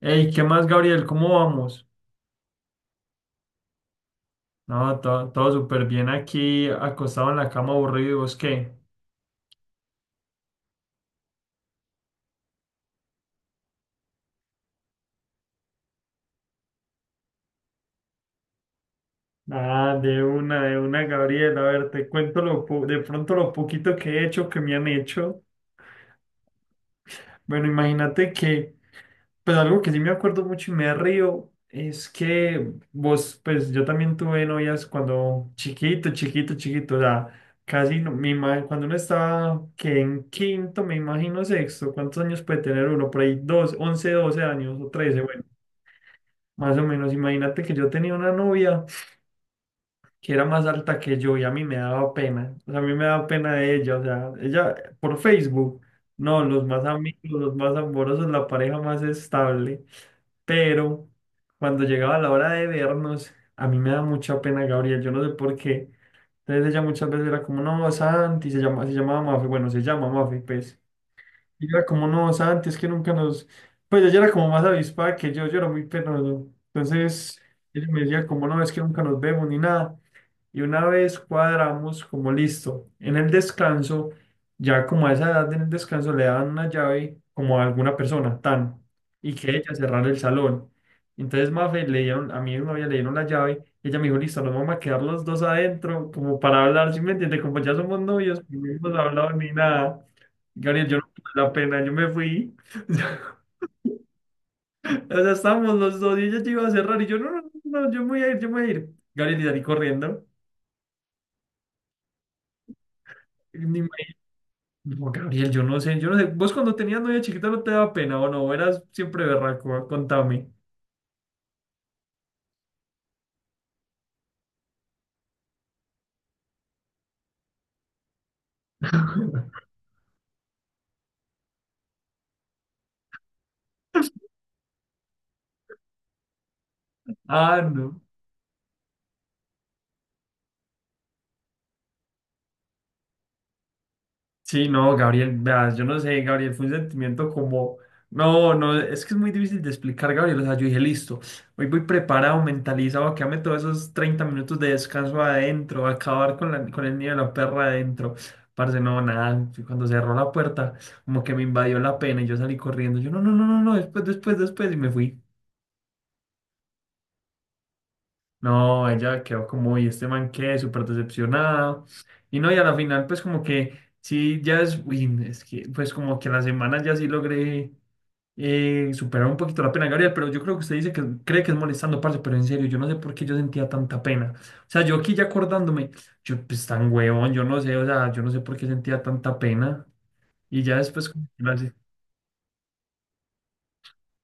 Hey, ¿qué más, Gabriel? ¿Cómo vamos? No, todo, todo súper bien aquí, acostado en la cama aburrido, ¿y vos qué? Ah, de una, Gabriel. A ver, te cuento de pronto lo poquito que he hecho, que me han hecho. Bueno, imagínate que pues algo que sí me acuerdo mucho y me río es que vos, pues yo también tuve novias cuando chiquito, chiquito, chiquito, o sea, casi no, cuando uno estaba que en quinto, me imagino sexto, ¿cuántos años puede tener uno? Por ahí dos, 11 12 años o trece, bueno, más o menos. Imagínate que yo tenía una novia que era más alta que yo y a mí me daba pena, o sea, a mí me daba pena de ella, o sea, ella por Facebook, no, los más amigos, los más amorosos, la pareja más estable, pero cuando llegaba la hora de vernos, a mí me da mucha pena, Gabriel, yo no sé por qué. Entonces ella muchas veces era como, no, Santi, se llama, se llamaba Mafe, bueno, se llama Mafe, pues. Y yo era como, no, Santi, es que nunca nos... Pues ella era como más avispada que yo era muy penoso. Entonces, ella me decía como, no, es que nunca nos vemos ni nada. Y una vez cuadramos como, listo, en el descanso, ya como a esa edad en el descanso le dan una llave como a alguna persona, tan, y que ella cerrar el salón. Entonces, Mafe, le dieron, a mi novia le dieron la llave, y ella me dijo, listo, nos vamos a quedar los dos adentro como para hablar, ¿sí me entiende? Como ya somos novios, y no hemos hablado ni nada. Gabriel, yo no tuve la pena, yo me fui. O sea, estábamos los dos y ella ya iba a cerrar y yo, no, no, no, no, yo me voy a ir, yo me voy a ir, Gabriel, y salí corriendo. No, Gabriel, yo no sé, yo no sé. ¿Vos cuando tenías novia chiquita no te daba pena o no? Eras siempre berraco, contame. Ah, no. Sí, no, Gabriel, veas, yo no sé, Gabriel, fue un sentimiento como, no, no, es que es muy difícil de explicar, Gabriel, o sea, yo dije, listo, hoy voy preparado, mentalizado, que ame todos esos 30 minutos de descanso adentro, acabar con con el niño de la perra adentro, parce, no, nada, cuando cerró la puerta, como que me invadió la pena y yo salí corriendo, yo, no, no, no, no, no, después, después, después, y me fui. No, ella quedó como, y este man qué, súper decepcionada. Y no, y a la final, pues como que sí, ya es, uy, es que, pues como que a la semana ya sí logré superar un poquito la pena, Gabriel, pero yo creo que usted dice que cree que es molestando, parce, pero en serio, yo no sé por qué yo sentía tanta pena. O sea, yo aquí ya acordándome, yo, pues tan huevón, yo no sé, o sea, yo no sé por qué sentía tanta pena. Y ya después, como que la-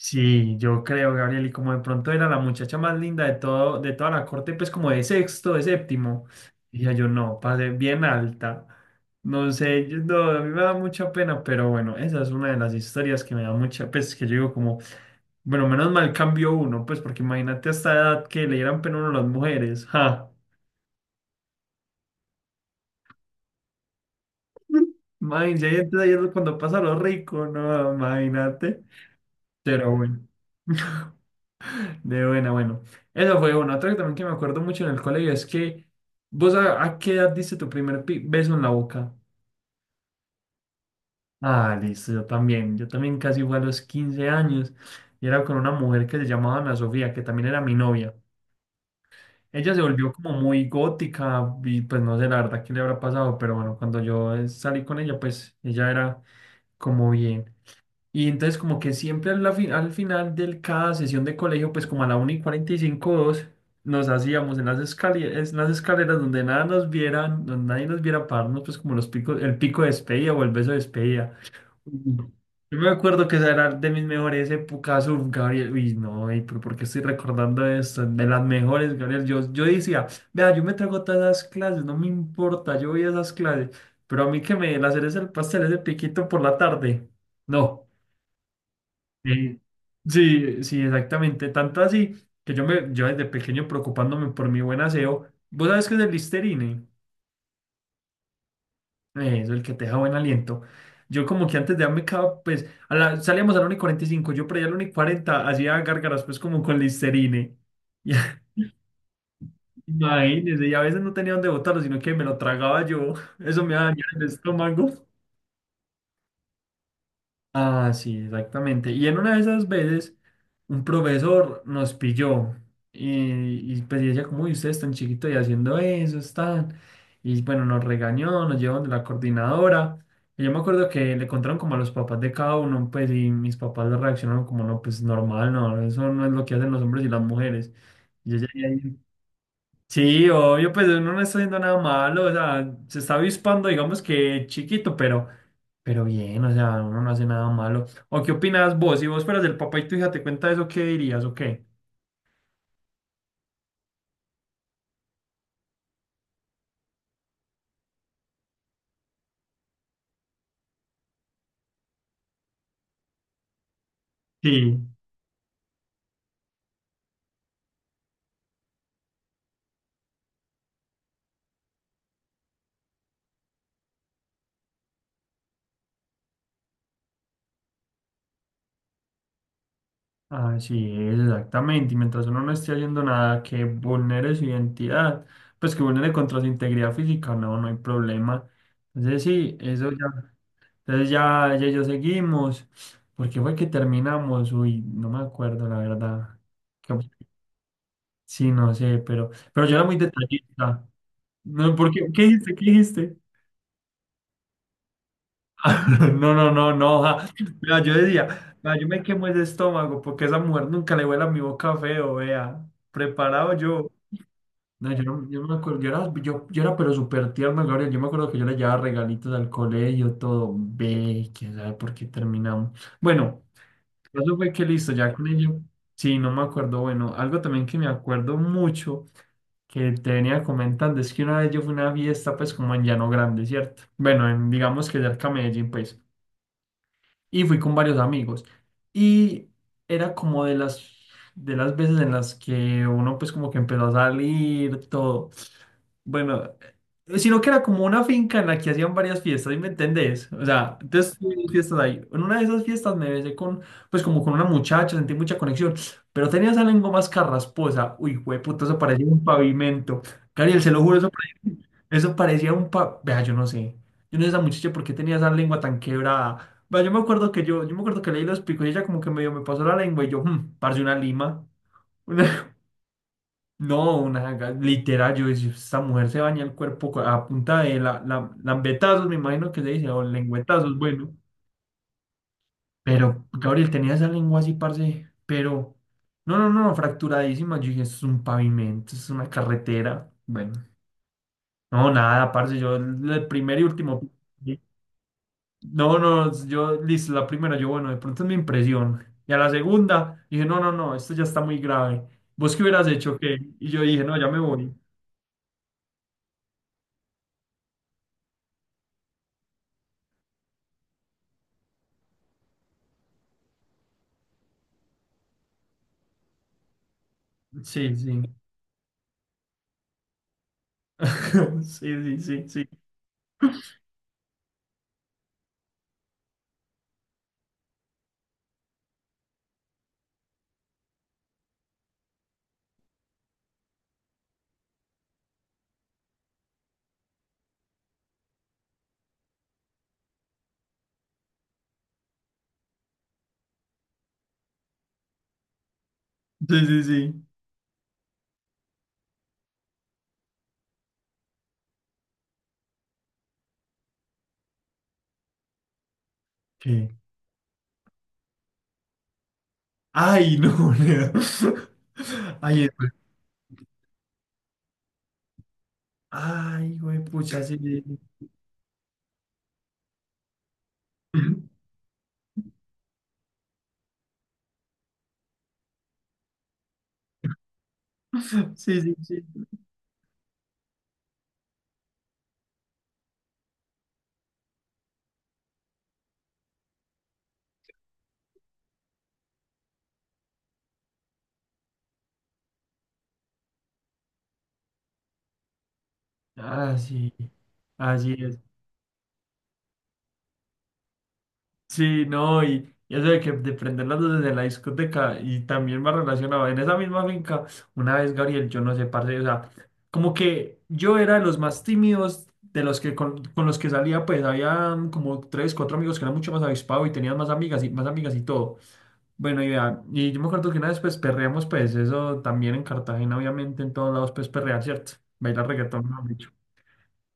Sí, yo creo, Gabriel, y como de pronto era la muchacha más linda de todo, de toda la corte, pues como de sexto, de séptimo, dije yo, no, pasé bien alta. No sé, yo- no, a mí me da mucha pena, pero bueno, esa es una de las historias que me da mucha, pues que yo digo como, bueno, menos mal cambió uno, pues porque imagínate a esta edad que le dieran pena a uno a las mujeres, ja. Imagínate, ahí es cuando pasa lo rico, no, imagínate. Pero bueno. De buena, bueno. Eso fue uno. Otro que también que me acuerdo mucho en el colegio es que vos a qué edad diste tu primer beso en la boca. Ah, listo, yo también. Yo también casi fue a los 15 años y era con una mujer que se llamaba Ana Sofía, que también era mi novia. Ella se volvió como muy gótica y pues no sé la verdad qué le habrá pasado, pero bueno, cuando yo salí con ella, pues ella era como bien. Y entonces como que siempre al final de cada sesión de colegio, pues como a la una y 45 o 2 nos hacíamos en las escaleras donde nada nos vieran, donde nadie nos viera pararnos, pues como los picos, el pico de despedida o el beso de despedida. Ujú. Yo me acuerdo que esa era de mis mejores épocas, uf, Gabriel, uy, no, ey, pero ¿por qué estoy recordando esto? De las mejores, Gabriel, yo decía, vea, yo me trago todas esas clases, no me importa, yo voy a esas clases, pero a mí que me den hacer es el pastel, ese piquito por la tarde, no. Sí, sí, sí, exactamente. Tanto así que yo me, yo desde pequeño preocupándome por mi buen aseo. ¿Vos sabés qué es el Listerine? Eso, el que te deja buen aliento. Yo como que antes de darme cava, pues, a la- salíamos al uno y cuarenta y cinco. Yo por allá al uno y cuarenta hacía gárgaras pues como con Listerine. Y, imagínese, y a veces no tenía dónde botarlo, sino que me lo tragaba yo. Eso me dañaba el estómago. Ah, sí, exactamente. Y en una de esas veces, un profesor nos pilló y, pues ella como, uy, ustedes están chiquitos y haciendo eso, están. Y bueno, nos regañó, nos llevaron de la coordinadora. Y yo me acuerdo que le contaron como a los papás de cada uno, pues, y mis papás le reaccionaron como, no, pues normal, no, eso no es lo que hacen los hombres y las mujeres. Y yo llegué ahí, sí, obvio, pues uno no está haciendo nada malo, o sea, se está avispando, digamos que chiquito, pero... Pero bien, o sea, uno no hace nada malo. ¿O qué opinas vos? Si vos fueras el papá y tu hija te cuenta eso, ¿qué dirías o qué? Sí. Ah, sí, exactamente. Y mientras uno no esté haciendo nada que vulnere su identidad, pues que vulnere contra su integridad física, no, no hay problema. Entonces sí, eso ya. Entonces ya, ya, ya seguimos. ¿Por qué fue que terminamos? Uy, no me acuerdo, la verdad. ¿Qué? Sí, no sé, pero yo era muy detallista. No, ¿por qué? ¿Qué dijiste? ¿Qué dijiste? No, no, no, no. Ja. Vea, yo decía, vea, yo me quemo ese estómago porque esa mujer nunca le huele a mi boca feo, vea. Preparado yo. No, yo no, yo no me acuerdo. Yo era, yo era pero súper tierno, Gabriel. Yo me acuerdo que yo le llevaba regalitos al colegio, todo. Ve, quién sabe por qué terminamos. Bueno, eso fue que listo, ya con ello. Sí, no me acuerdo. Bueno, algo también que me acuerdo mucho que te venía comentando es que una vez yo fui a una fiesta, pues como en Llano Grande, ¿cierto? Bueno, en, digamos que cerca a Medellín, pues y fui con varios amigos. Y era como de de las veces en las que uno pues como que empezó a salir, todo. Bueno, sino que era como una finca en la que hacían varias fiestas, ¿sí me entendés? O sea, entonces tuvimos fiestas ahí. En una de esas fiestas me besé con, pues como con una muchacha, sentí mucha conexión, pero tenía esa lengua más carrasposa. Uy, güey, puto, eso parecía un pavimento. Cariel, se lo juro, eso parecía un pa... Vea, yo no sé. Yo no sé esa muchacha por qué tenía esa lengua tan quebrada. Vea, yo me acuerdo que yo me acuerdo que leí los picos y ella como que medio me pasó la lengua y yo, parce, una lima. No, una literal, yo decía, esta mujer se baña el cuerpo a punta de la lambetazos, me imagino que se dice, o lengüetazos, bueno. Pero Gabriel tenía esa lengua así, parce, pero no, no, no, fracturadísima. Yo dije, esto es un pavimento, es una carretera. Bueno, no, nada, parce, yo el primer y último. No, no, yo, listo, la primera, yo, bueno, de pronto es mi impresión. Y a la segunda, dije, no, no, no, esto ya está muy grave. ¿Vos qué hubieras hecho? ¿Qué? Y yo dije, no, ya me voy. Sí, sí. Sí, sí, sí, sí. Sí, sí, sí. ¿Qué? Ay, no, Leo. Ay, es- ay, güey, pucha, sí. Sí, sí, sí. Sí. Ah, sí. Así es. Sí, no, y eso de que de prender las luces de la discoteca y también va relacionado. En esa misma finca, una vez, Gabriel, yo no sé, parce, o sea, como que yo era de los más tímidos de los que con, los que salía, pues había como tres, cuatro amigos que eran mucho más avispados y tenían más amigas y todo. Bueno, y vea, y yo me acuerdo que una vez pues perreamos, pues eso también en Cartagena, obviamente en todos lados pues perrear, ¿cierto? Bailar reggaetón, mejor dicho.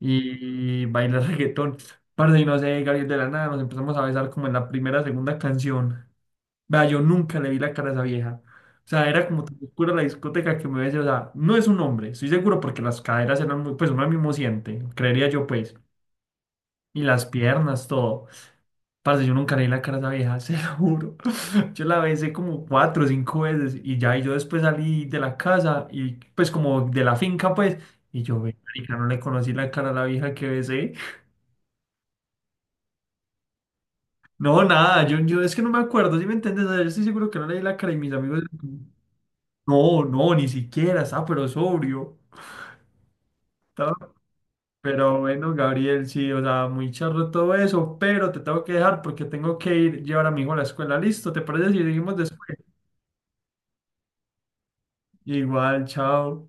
Y bailar reggaetón. Parce, y no sé, Gabriel, de la nada, nos empezamos a besar como en la primera, segunda canción. Vea, yo nunca le vi la cara a esa vieja. O sea, era como tan oscura la discoteca que me besé, o sea, no es un hombre, estoy seguro porque las caderas eran muy, pues uno mismo siente, creería yo, pues. Y las piernas, todo. Parce, yo nunca le vi la cara a esa vieja, se lo juro. Yo la besé como cuatro o cinco veces y ya, y yo después salí de la casa y pues como de la finca, pues, y yo, ve, marica, no le conocí la cara a la vieja que besé. No, nada, yo es que no me acuerdo, ¿si me entiendes? O sea, yo estoy seguro que no leí la cara y mis amigos, no, no, ni siquiera, estaba pero sobrio. Estaba- Pero bueno, Gabriel, sí, o sea, muy charro todo eso, pero te tengo que dejar porque tengo que ir llevar a mi hijo a la escuela. Listo, ¿te parece si seguimos después? Igual, chao.